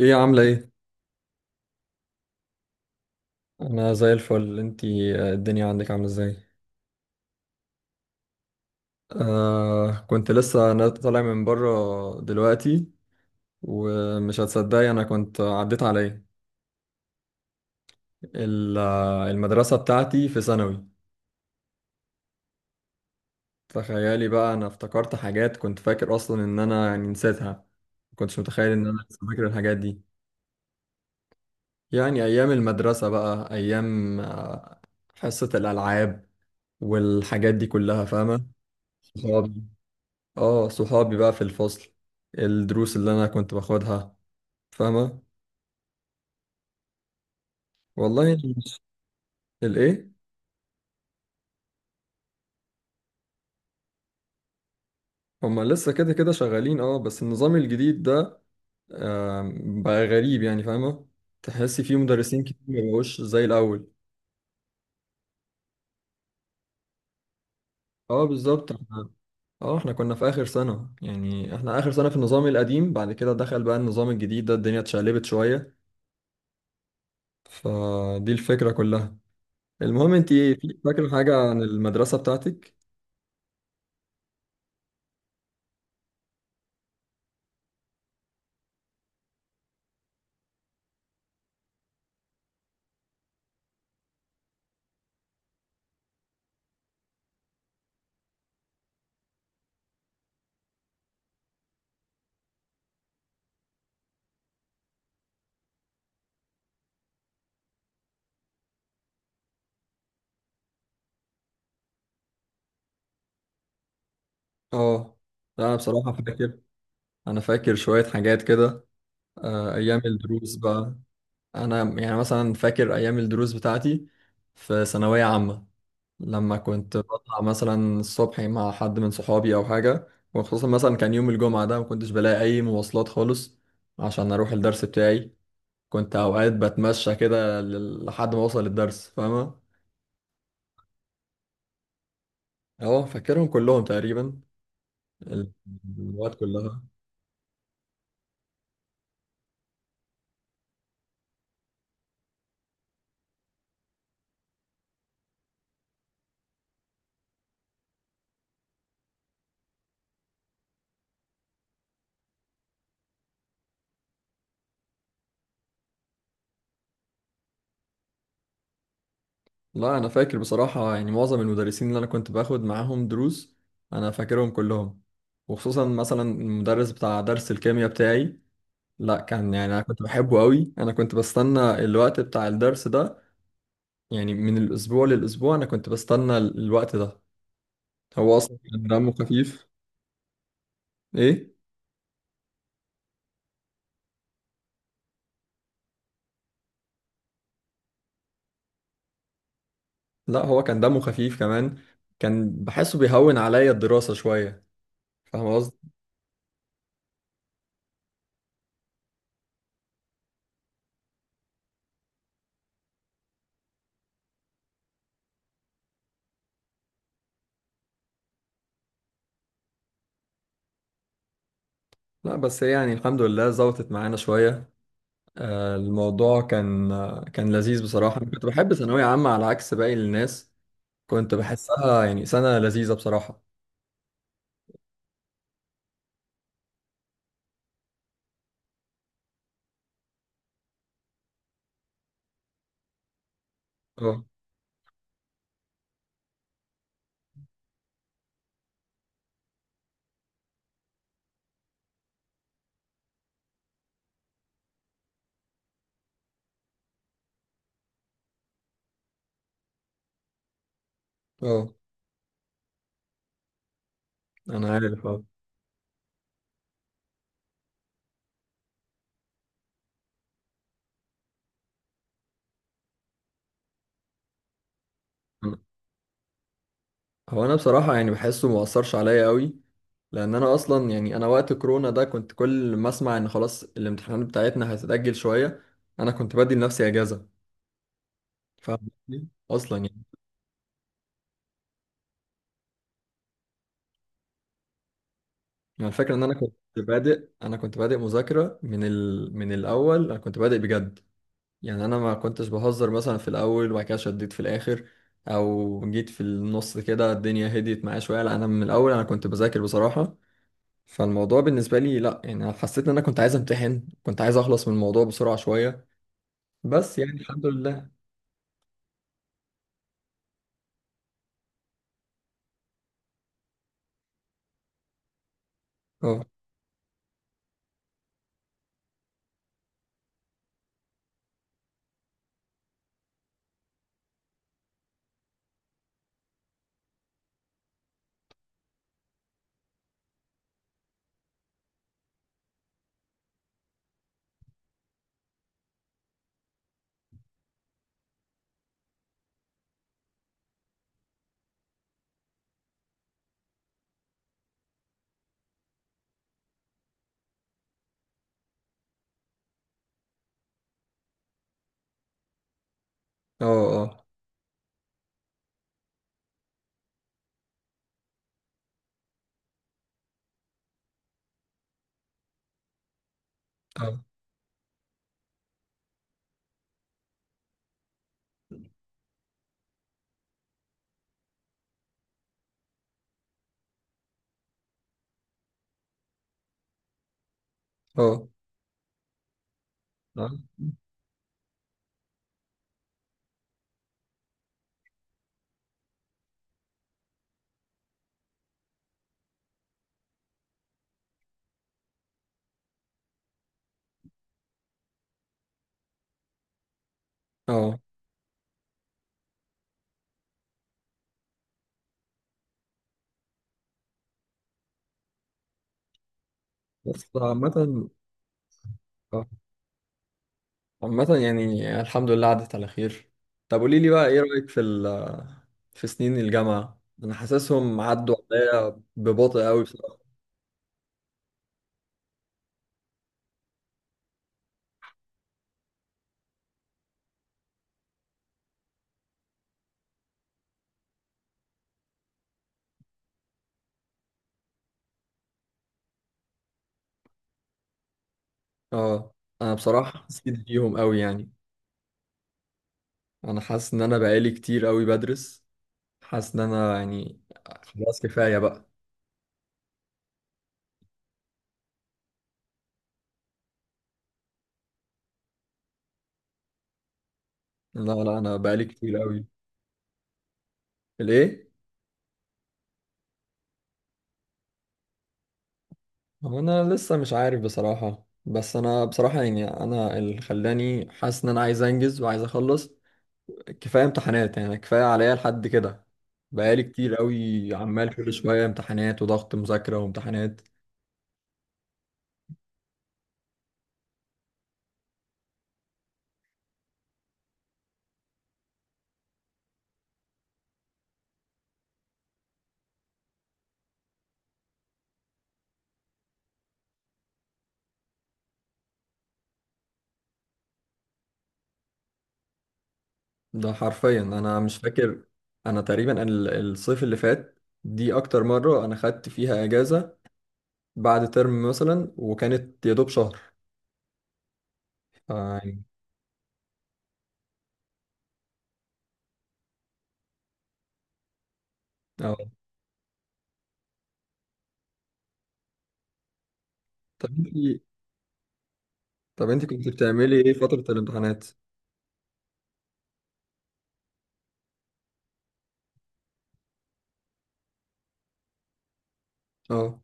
ايه عاملة ايه؟ انا زي الفل. انتي الدنيا عندك عاملة ازاي؟ آه، كنت لسه انا طالع من بره دلوقتي. ومش هتصدقي، انا كنت عديت على ايه؟ المدرسة بتاعتي في ثانوي. تخيلي بقى، انا افتكرت حاجات كنت فاكر اصلا ان انا يعني نسيتها. ما كنتش متخيل ان انا لسه فاكر الحاجات دي. يعني ايام المدرسة بقى، ايام حصة الالعاب والحاجات دي كلها، فاهمة؟ اه، صحابي بقى في الفصل، الدروس اللي انا كنت باخدها، فاهمة. والله مش- الايه؟ هما لسه كده كده شغالين، اه، بس النظام الجديد ده بقى غريب، يعني فاهمة. تحسي فيه مدرسين كتير مبقوش زي الاول. اه بالظبط، احنا اه احنا كنا في اخر سنة، يعني احنا اخر سنة في النظام القديم، بعد كده دخل بقى النظام الجديد ده، الدنيا اتشقلبت شوية. فدي الفكرة كلها. المهم انت ايه، فاكرة حاجة عن المدرسة بتاعتك؟ اه. لا انا بصراحة فاكر، انا فاكر شوية حاجات كده. ايام الدروس بقى، انا يعني مثلا فاكر ايام الدروس بتاعتي في ثانوية عامة. لما كنت بطلع مثلا الصبح مع حد من صحابي او حاجة، وخصوصا مثلا كان يوم الجمعة ده، ما كنتش بلاقي اي مواصلات خالص عشان اروح الدرس بتاعي. كنت اوقات بتمشى كده لحد ما اوصل الدرس، فاهمة. اهو فاكرهم كلهم تقريبا، ال- المواد كلها. لا انا فاكر بصراحه، يعني معظم المدرسين اللي انا كنت باخد معاهم دروس، انا فاكرهم كلهم. وخصوصا مثلا المدرس بتاع درس الكيمياء بتاعي، لا كان يعني انا كنت بحبه قوي. انا كنت بستنى الوقت بتاع الدرس ده، يعني من الاسبوع للاسبوع انا كنت بستنى الوقت ده. هو اصلا كان دمه خفيف. ايه. لا هو كان دمه خفيف كمان، كان بحسه بيهون عليا الدراسه شويه، فاهم قصدي. لا بس هي يعني الحمد لله ظبطت معانا شويه. الموضوع كان كان لذيذ بصراحة. أنا كنت بحب ثانوية عامة على عكس باقي الناس، كنت بحسها يعني سنة لذيذة بصراحة. اه. اه. أنا عارف، اه. هو أنا بصراحة يعني بحسه مؤثرش عليا قوي، لأن أنا أصلا يعني أنا وقت كورونا ده كنت كل ما أسمع إن خلاص الامتحانات بتاعتنا هتتأجل شوية، أنا كنت بدي لنفسي أجازة. فاهم قصدي؟ أصلا يعني، يعني الفكرة إن أنا كنت بادئ، أنا كنت بادئ مذاكرة من الأول. أنا كنت بادئ بجد، يعني انا ما كنتش بهزر مثلا في الاول وبعد كده شديت في الاخر، او جيت في النص كده الدنيا هديت معايا شويه. لا انا من الاول انا كنت بذاكر بصراحه. فالموضوع بالنسبه لي لا، يعني انا حسيت ان انا كنت عايز امتحن، كنت عايز اخلص من الموضوع بسرعه شويه. بس يعني الحمد لله. اه. اه. اه. اه. اه. اه. آه. بس عامه، آه، عامه يعني الحمد لله عدت على خير. طب قولي لي بقى، ايه رايك في في سنين الجامعه؟ انا حاسسهم عدوا عليا ببطء قوي. اه. انا بصراحه حسيت بيهم قوي يعني، انا حاسس ان انا بقالي كتير قوي بدرس. حاسس ان انا يعني خلاص كفايه بقى. لا انا بقالي كتير قوي. ليه؟ هو انا لسه مش عارف بصراحه، بس انا بصراحه يعني انا اللي خلاني حاسس ان انا عايز انجز وعايز اخلص. كفايه امتحانات، يعني كفايه عليا لحد كده. بقالي كتير قوي عمال كل شويه امتحانات وضغط مذاكره وامتحانات. ده حرفيا انا مش فاكر. انا تقريبا الصيف اللي فات، دي اكتر مرة انا خدت فيها اجازة بعد ترم مثلا، وكانت يا دوب شهر. يعني اه. طب انت طب انت كنت بتعملي ايه فترة الامتحانات؟ اه.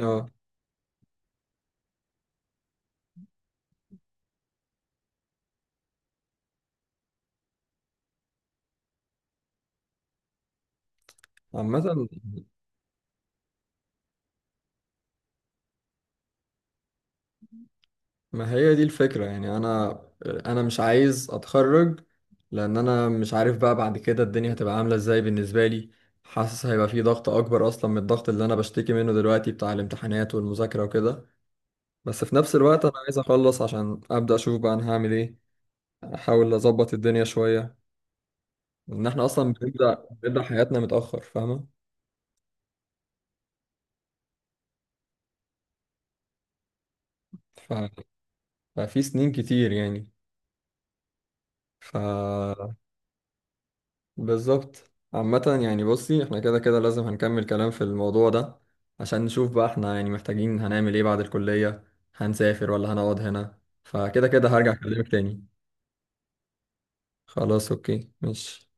اه. عامة، ما هي دي الفكرة. يعني انا، انا مش عايز اتخرج، لان انا مش عارف بقى بعد كده الدنيا هتبقى عاملة ازاي بالنسبة لي. حاسس هيبقى في ضغط اكبر اصلا من الضغط اللي انا بشتكي منه دلوقتي، بتاع الامتحانات والمذاكرة وكده. بس في نفس الوقت انا عايز اخلص عشان ابدا اشوف بقى انا هعمل ايه، احاول اظبط الدنيا شويه. ان احنا اصلا بنبدا حياتنا متاخر، فاهمه. ف... ففي سنين كتير يعني. ف بالظبط. عامه يعني بصي، احنا كده كده لازم هنكمل كلام في الموضوع ده، عشان نشوف بقى احنا يعني محتاجين هنعمل ايه بعد الكليه، هنسافر ولا هنقعد هنا. فكده كده هرجع اكلمك تاني. خلاص اوكي ماشي.